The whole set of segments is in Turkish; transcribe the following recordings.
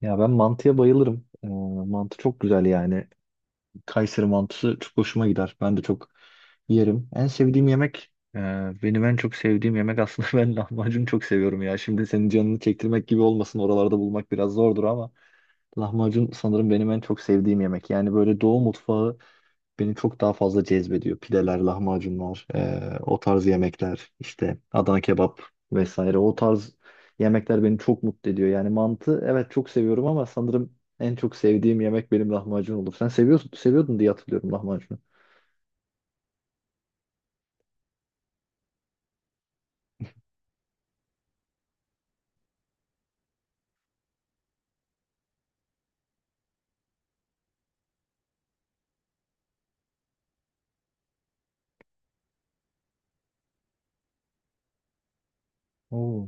Ya ben mantıya bayılırım. Mantı çok güzel yani. Kayseri mantısı çok hoşuma gider. Ben de çok yerim. En sevdiğim yemek, benim en çok sevdiğim yemek aslında ben lahmacun çok seviyorum ya. Şimdi senin canını çektirmek gibi olmasın. Oralarda bulmak biraz zordur ama lahmacun sanırım benim en çok sevdiğim yemek. Yani böyle Doğu mutfağı beni çok daha fazla cezbediyor. Pideler, lahmacunlar, o tarz yemekler, işte Adana kebap vesaire. O tarz yemekler beni çok mutlu ediyor. Yani mantı, evet çok seviyorum, ama sanırım en çok sevdiğim yemek benim lahmacun olur. Sen seviyorsun, seviyordun diye hatırlıyorum lahmacunu. Oo.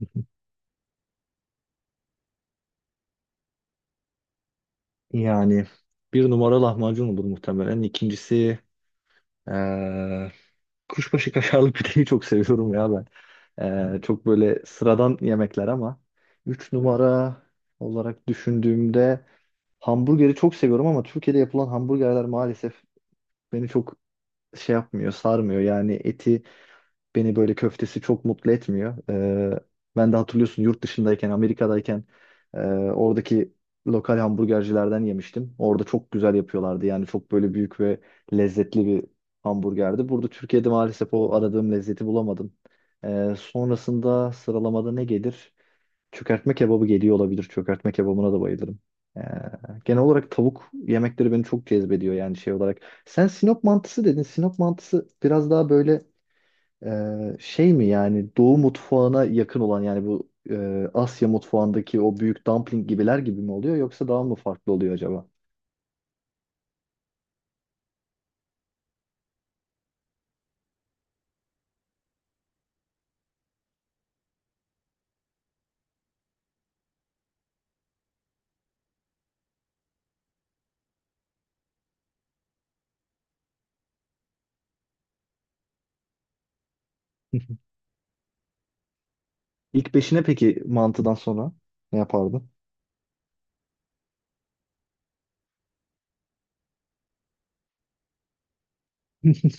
Yani bir numara lahmacun olur muhtemelen. İkincisi eee, kuşbaşı kaşarlı pideyi çok seviyorum ya ben. Çok böyle sıradan yemekler, ama üç numara olarak düşündüğümde hamburgeri çok seviyorum, ama Türkiye'de yapılan hamburgerler maalesef beni çok şey yapmıyor, sarmıyor. Yani eti, beni böyle köftesi çok mutlu etmiyor. Ben de, hatırlıyorsun, yurt dışındayken, Amerika'dayken e, oradaki lokal hamburgercilerden yemiştim. Orada çok güzel yapıyorlardı. Yani çok böyle büyük ve lezzetli bir hamburgerdi. Burada, Türkiye'de, maalesef o aradığım lezzeti bulamadım. Sonrasında sıralamada ne gelir? Çökertme kebabı geliyor olabilir. Çökertme kebabına da bayılırım. Ee, Genel olarak tavuk yemekleri beni çok cezbediyor yani şey olarak. Sen Sinop mantısı dedin. Sinop mantısı biraz daha böyle şey mi yani? Doğu mutfağına yakın olan yani, bu Asya mutfağındaki o büyük dumpling gibiler gibi mi oluyor, yoksa daha mı farklı oluyor acaba? İlk beşine peki mantıdan sonra ne yapardın?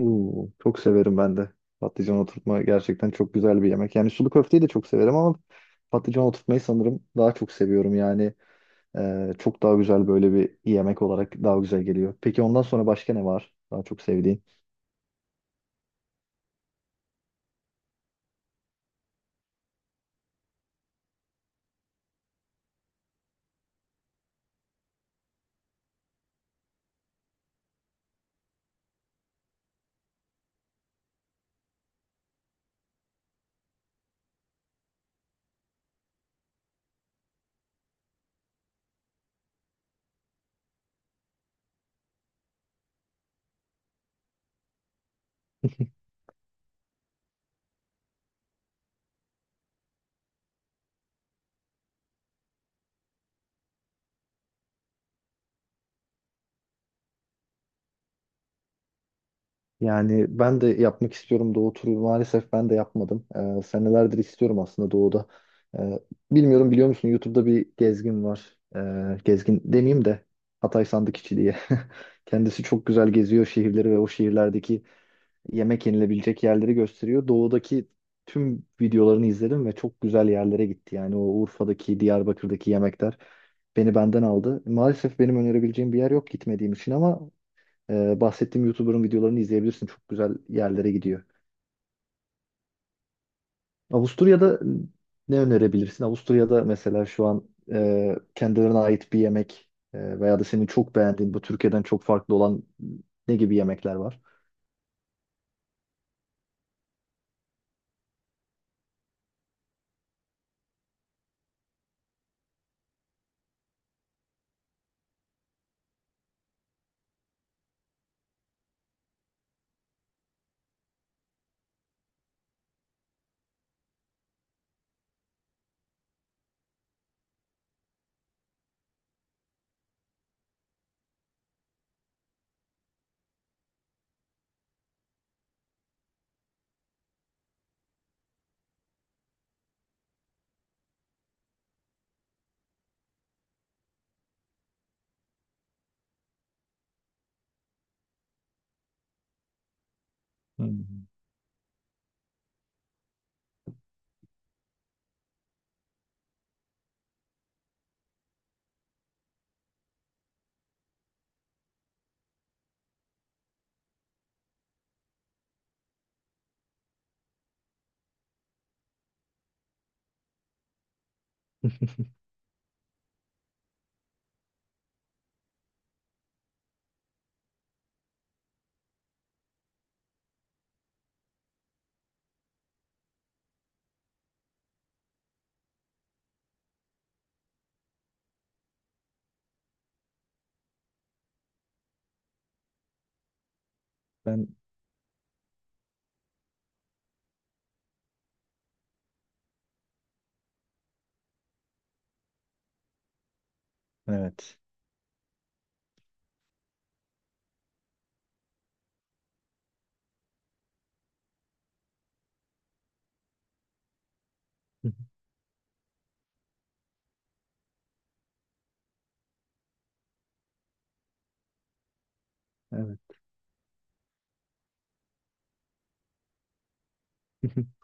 Oo, çok severim ben de. Patlıcan oturtma gerçekten çok güzel bir yemek. Yani sulu köfteyi de çok severim, ama patlıcan oturtmayı sanırım daha çok seviyorum. Yani çok daha güzel, böyle bir yemek olarak daha güzel geliyor. Peki ondan sonra başka ne var daha çok sevdiğin? Yani ben de yapmak istiyorum doğu turu. Maalesef ben de yapmadım. Senelerdir istiyorum aslında doğuda. E, Bilmiyorum, biliyor musun, YouTube'da bir gezgin var. Gezgin demeyeyim de, Hatay Sandıkçı diye. Kendisi çok güzel geziyor şehirleri ve o şehirlerdeki yemek yenilebilecek yerleri gösteriyor. Doğudaki tüm videolarını izledim ve çok güzel yerlere gitti. Yani o Urfa'daki, Diyarbakır'daki yemekler beni benden aldı. Maalesef benim önerebileceğim bir yer yok, gitmediğim için, ama bahsettiğim YouTuber'ın videolarını izleyebilirsin. Çok güzel yerlere gidiyor. Avusturya'da ne önerebilirsin? Avusturya'da mesela şu an kendilerine ait bir yemek veya da senin çok beğendiğin, bu Türkiye'den çok farklı olan ne gibi yemekler var? Hmm. Ben evet. Evet.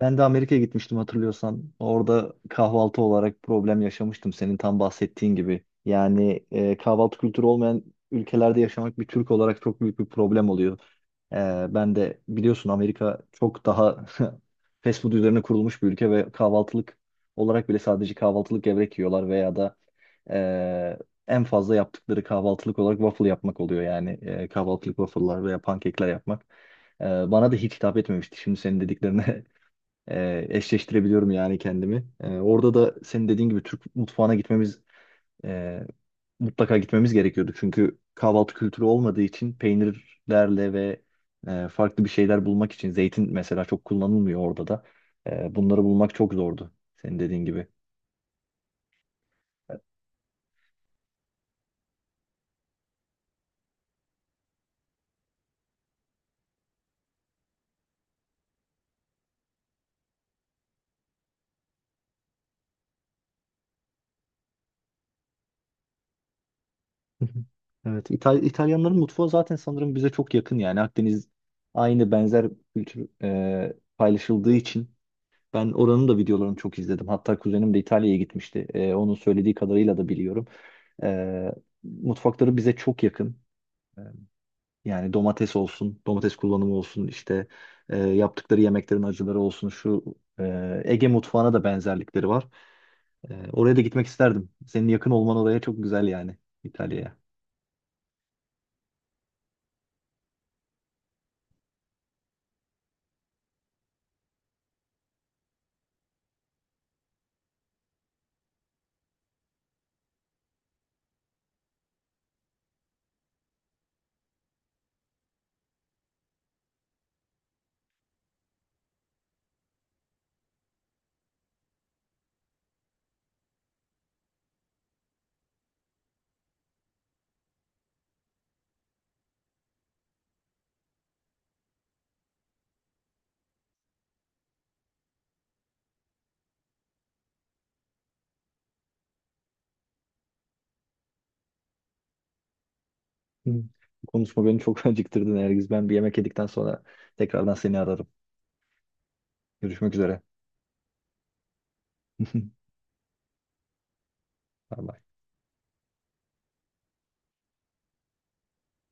Ben de Amerika'ya gitmiştim, hatırlıyorsan. Orada kahvaltı olarak problem yaşamıştım, senin tam bahsettiğin gibi. Yani kahvaltı kültürü olmayan ülkelerde yaşamak bir Türk olarak çok büyük bir problem oluyor. E, Ben de biliyorsun, Amerika çok daha fast food üzerine kurulmuş bir ülke ve kahvaltılık olarak bile sadece kahvaltılık gevrek yiyorlar, veya da e, en fazla yaptıkları kahvaltılık olarak waffle yapmak oluyor. Yani kahvaltılık waffle'lar veya pankekler yapmak. Bana da hiç hitap etmemişti. Şimdi senin dediklerine eşleştirebiliyorum yani kendimi. Orada da senin dediğin gibi Türk mutfağına e, mutlaka gitmemiz gerekiyordu. Çünkü kahvaltı kültürü olmadığı için peynirlerle ve farklı bir şeyler bulmak için, zeytin mesela çok kullanılmıyor orada da. Bunları bulmak çok zordu, senin dediğin gibi. Hı hı. Evet, İtalyanların mutfağı zaten sanırım bize çok yakın, yani Akdeniz aynı benzer kültür paylaşıldığı için ben oranın da videolarını çok izledim. Hatta kuzenim de İtalya'ya gitmişti. Onun söylediği kadarıyla da biliyorum. E, Mutfakları bize çok yakın. E, Yani domates olsun, domates kullanımı olsun, işte yaptıkları yemeklerin acıları olsun, şu Ege mutfağına da benzerlikleri var. Oraya da gitmek isterdim. Senin yakın olman oraya çok güzel, yani İtalya'ya. Hı. Bu konuşma beni çok acıktırdı, Nergiz. Ben bir yemek yedikten sonra tekrardan seni ararım. Görüşmek üzere. Bay bay.